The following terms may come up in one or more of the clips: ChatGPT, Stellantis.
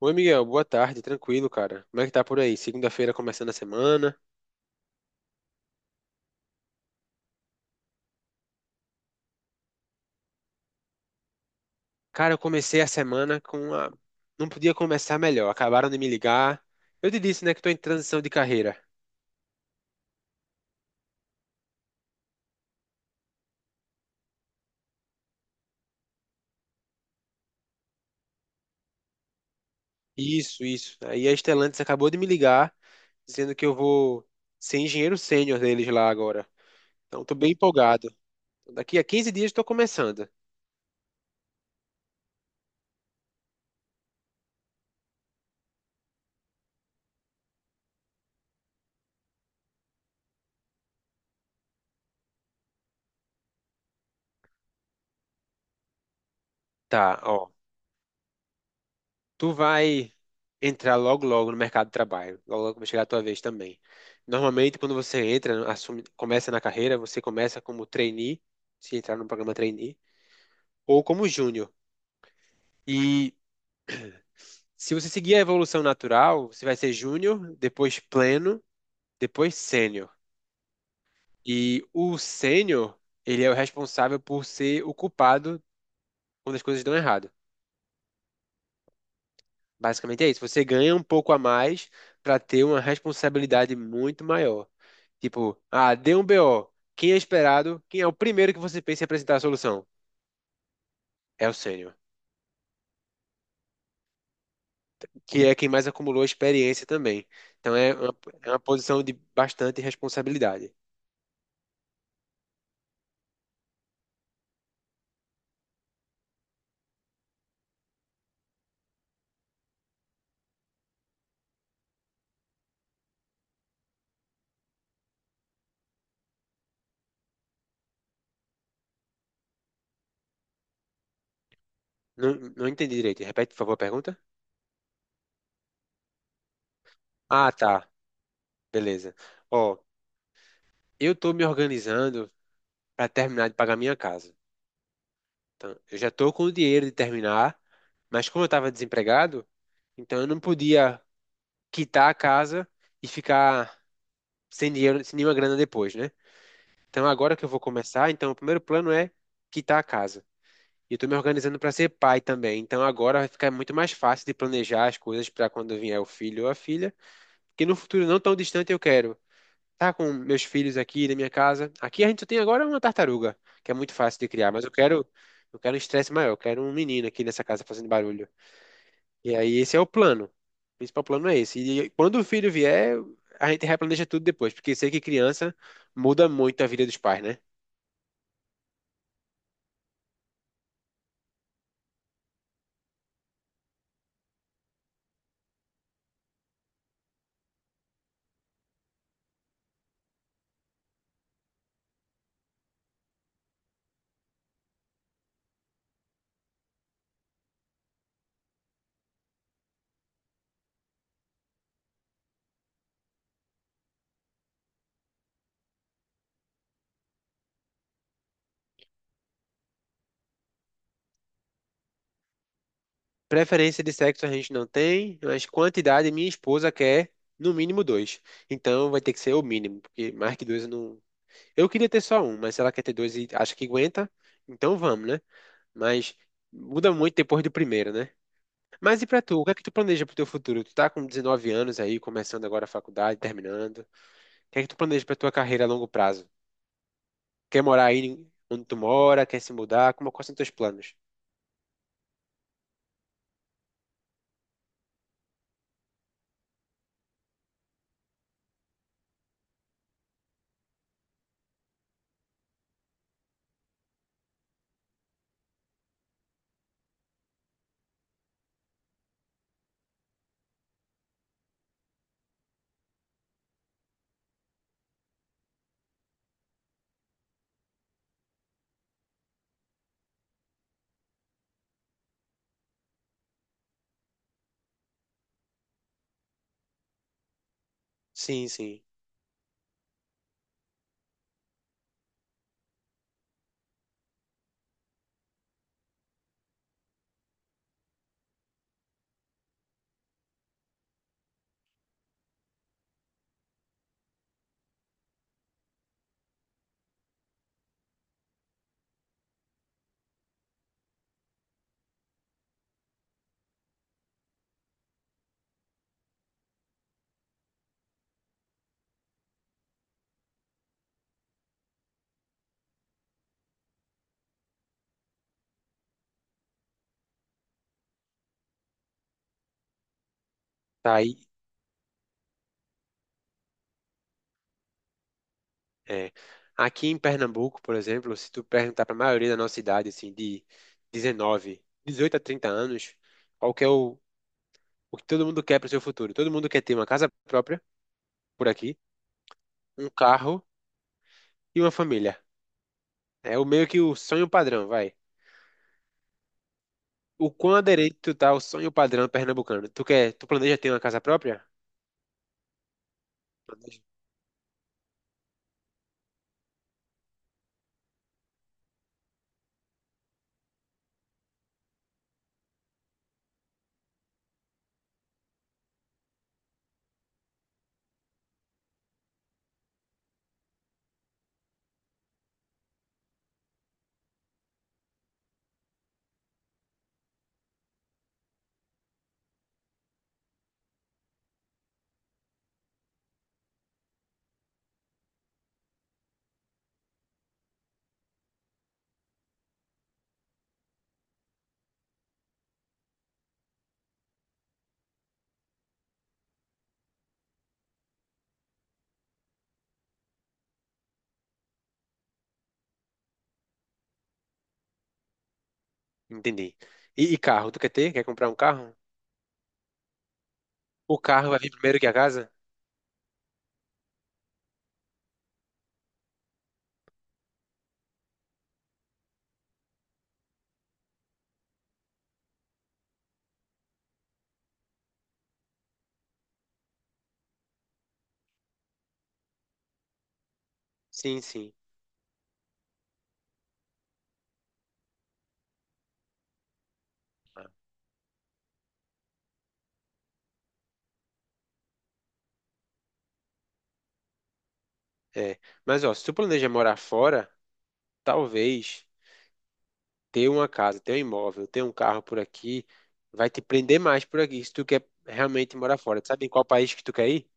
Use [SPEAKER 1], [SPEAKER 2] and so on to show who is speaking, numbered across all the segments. [SPEAKER 1] Oi, Miguel, boa tarde, tranquilo, cara. Como é que tá por aí? Segunda-feira começando a semana. Cara, eu comecei a semana com a. Não podia começar melhor, acabaram de me ligar. Eu te disse, né, que tô em transição de carreira. Isso, isso. Aí a Stellantis acabou de me ligar, dizendo que eu vou ser engenheiro sênior deles lá agora. Então, tô bem empolgado. Daqui a 15 dias tô começando. Tá, ó. Tu vai entrar logo logo no mercado de trabalho, logo logo vai chegar a tua vez também. Normalmente, quando você entra, assume, começa na carreira, você começa como trainee, se entrar no programa trainee, ou como júnior. E se você seguir a evolução natural, você vai ser júnior, depois pleno, depois sênior. E o sênior, ele é o responsável por ser o culpado quando as coisas dão errado. Basicamente é isso. Você ganha um pouco a mais para ter uma responsabilidade muito maior. Tipo, ah, deu um BO. Quem é esperado? Quem é o primeiro que você pensa em apresentar a solução? É o sênior, que é quem mais acumulou experiência também. Então é uma posição de bastante responsabilidade. Não, não entendi direito. Repete, por favor, a pergunta? Ah, tá. Beleza. Ó, eu tô me organizando para terminar de pagar minha casa. Então, eu já tô com o dinheiro de terminar, mas como eu estava desempregado, então eu não podia quitar a casa e ficar sem dinheiro, sem nenhuma grana depois, né? Então, agora que eu vou começar, então o primeiro plano é quitar a casa. E eu estou me organizando para ser pai também. Então, agora vai ficar muito mais fácil de planejar as coisas para quando vier o filho ou a filha. Que no futuro não tão distante eu quero estar com meus filhos aqui na minha casa. Aqui a gente só tem agora uma tartaruga, que é muito fácil de criar. Mas eu quero um estresse maior. Eu quero um menino aqui nessa casa fazendo barulho. E aí, esse é o plano. O principal plano é esse. E quando o filho vier, a gente replaneja tudo depois. Porque sei que criança muda muito a vida dos pais, né? Preferência de sexo a gente não tem, mas quantidade minha esposa quer no mínimo dois. Então vai ter que ser o mínimo, porque mais que dois eu não. Eu queria ter só um, mas se ela quer ter dois e acha que aguenta, então vamos, né? Mas muda muito depois do primeiro, né? Mas e pra tu, o que é que tu planeja pro teu futuro? Tu tá com 19 anos aí, começando agora a faculdade, terminando. O que é que tu planeja pra tua carreira a longo prazo? Quer morar aí onde tu mora? Quer se mudar? Como, quais são teus planos? Sim, sim. Tá aí. É. Aqui em Pernambuco, por exemplo, se tu perguntar para a maioria da nossa idade, assim, de 19, 18 a 30 anos, qual que é o que todo mundo quer para o seu futuro? Todo mundo quer ter uma casa própria por aqui, um carro e uma família. É o meio que o sonho padrão, vai. O quão aderente tu tá ao sonho padrão pernambucano? Tu quer, tu planeja ter uma casa própria? Planejo. Entendi. E carro, tu quer ter? Quer comprar um carro? O carro vai vir primeiro que a casa? Sim, sim. É. Mas ó, se tu planeja morar fora, talvez ter uma casa, ter um imóvel, ter um carro por aqui, vai te prender mais por aqui, se tu quer realmente morar fora. Tu sabe em qual país que tu quer ir?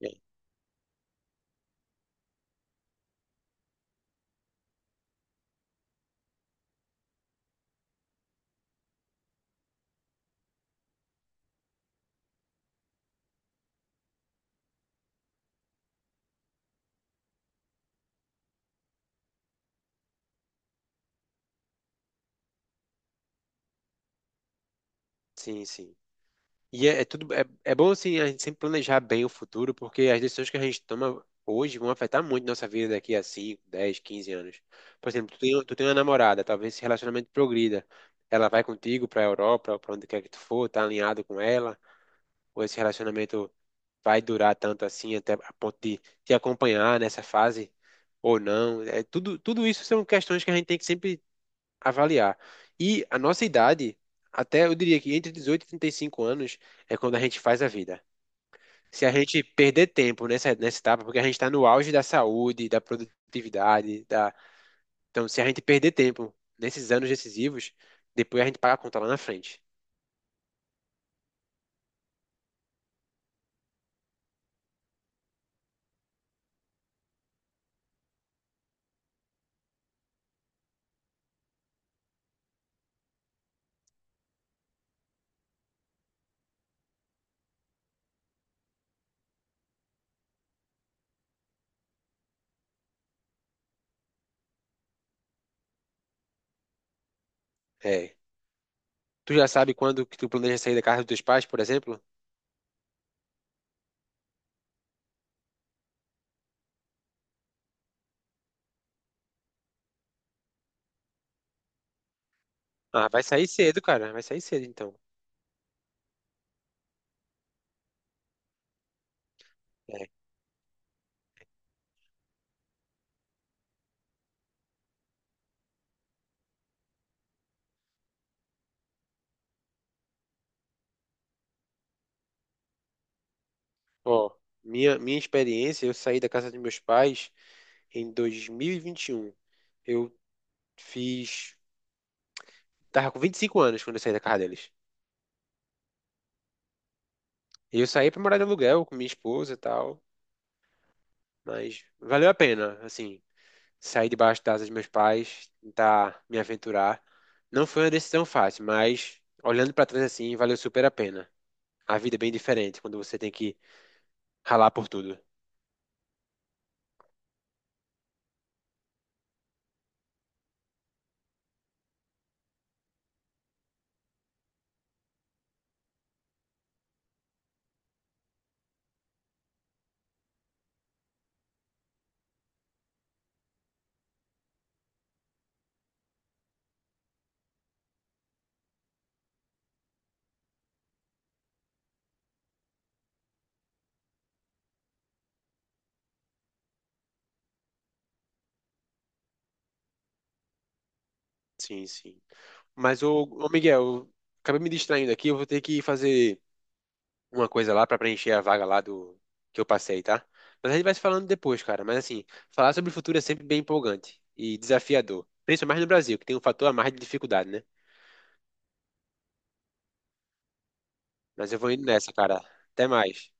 [SPEAKER 1] É. Sim, sim. E é tudo é bom assim a gente sempre planejar bem o futuro, porque as decisões que a gente toma hoje vão afetar muito nossa vida daqui a 5, 10, 15 anos. Por exemplo, tu tem uma namorada, talvez esse relacionamento progrida. Ela vai contigo para a Europa, para onde quer que tu for, tá alinhado com ela, ou esse relacionamento vai durar tanto assim até a ponto de te acompanhar nessa fase ou não. É, tudo isso são questões que a gente tem que sempre avaliar. E a nossa idade, até eu diria que entre 18 e 35 anos é quando a gente faz a vida. Se a gente perder tempo nessa etapa, porque a gente está no auge da saúde, da produtividade, da... Então, se a gente perder tempo nesses anos decisivos, depois a gente paga a conta lá na frente. É. Tu já sabe quando que tu planeja sair da casa dos teus pais, por exemplo? Ah, vai sair cedo, cara. Vai sair cedo, então. É. Ó, minha experiência, eu saí da casa dos meus pais em dois mil e vinte e um. Eu fiz. Tava com 25 anos quando eu saí da casa deles. Eu saí pra morar de aluguel com minha esposa e tal, mas valeu a pena, assim, sair debaixo da asa dos meus pais, tentar me aventurar. Não foi uma decisão fácil, mas olhando pra trás assim, valeu super a pena. A vida é bem diferente quando você tem que ralar por tudo. Sim, sim. Mas o, ô ô, Miguel, eu acabei me distraindo aqui, eu vou ter que fazer uma coisa lá pra preencher a vaga lá do que eu passei, tá? Mas a gente vai se falando depois, cara. Mas assim, falar sobre o futuro é sempre bem empolgante e desafiador, principalmente no Brasil, que tem um fator a mais de dificuldade, né? Mas eu vou indo nessa, cara. Até mais.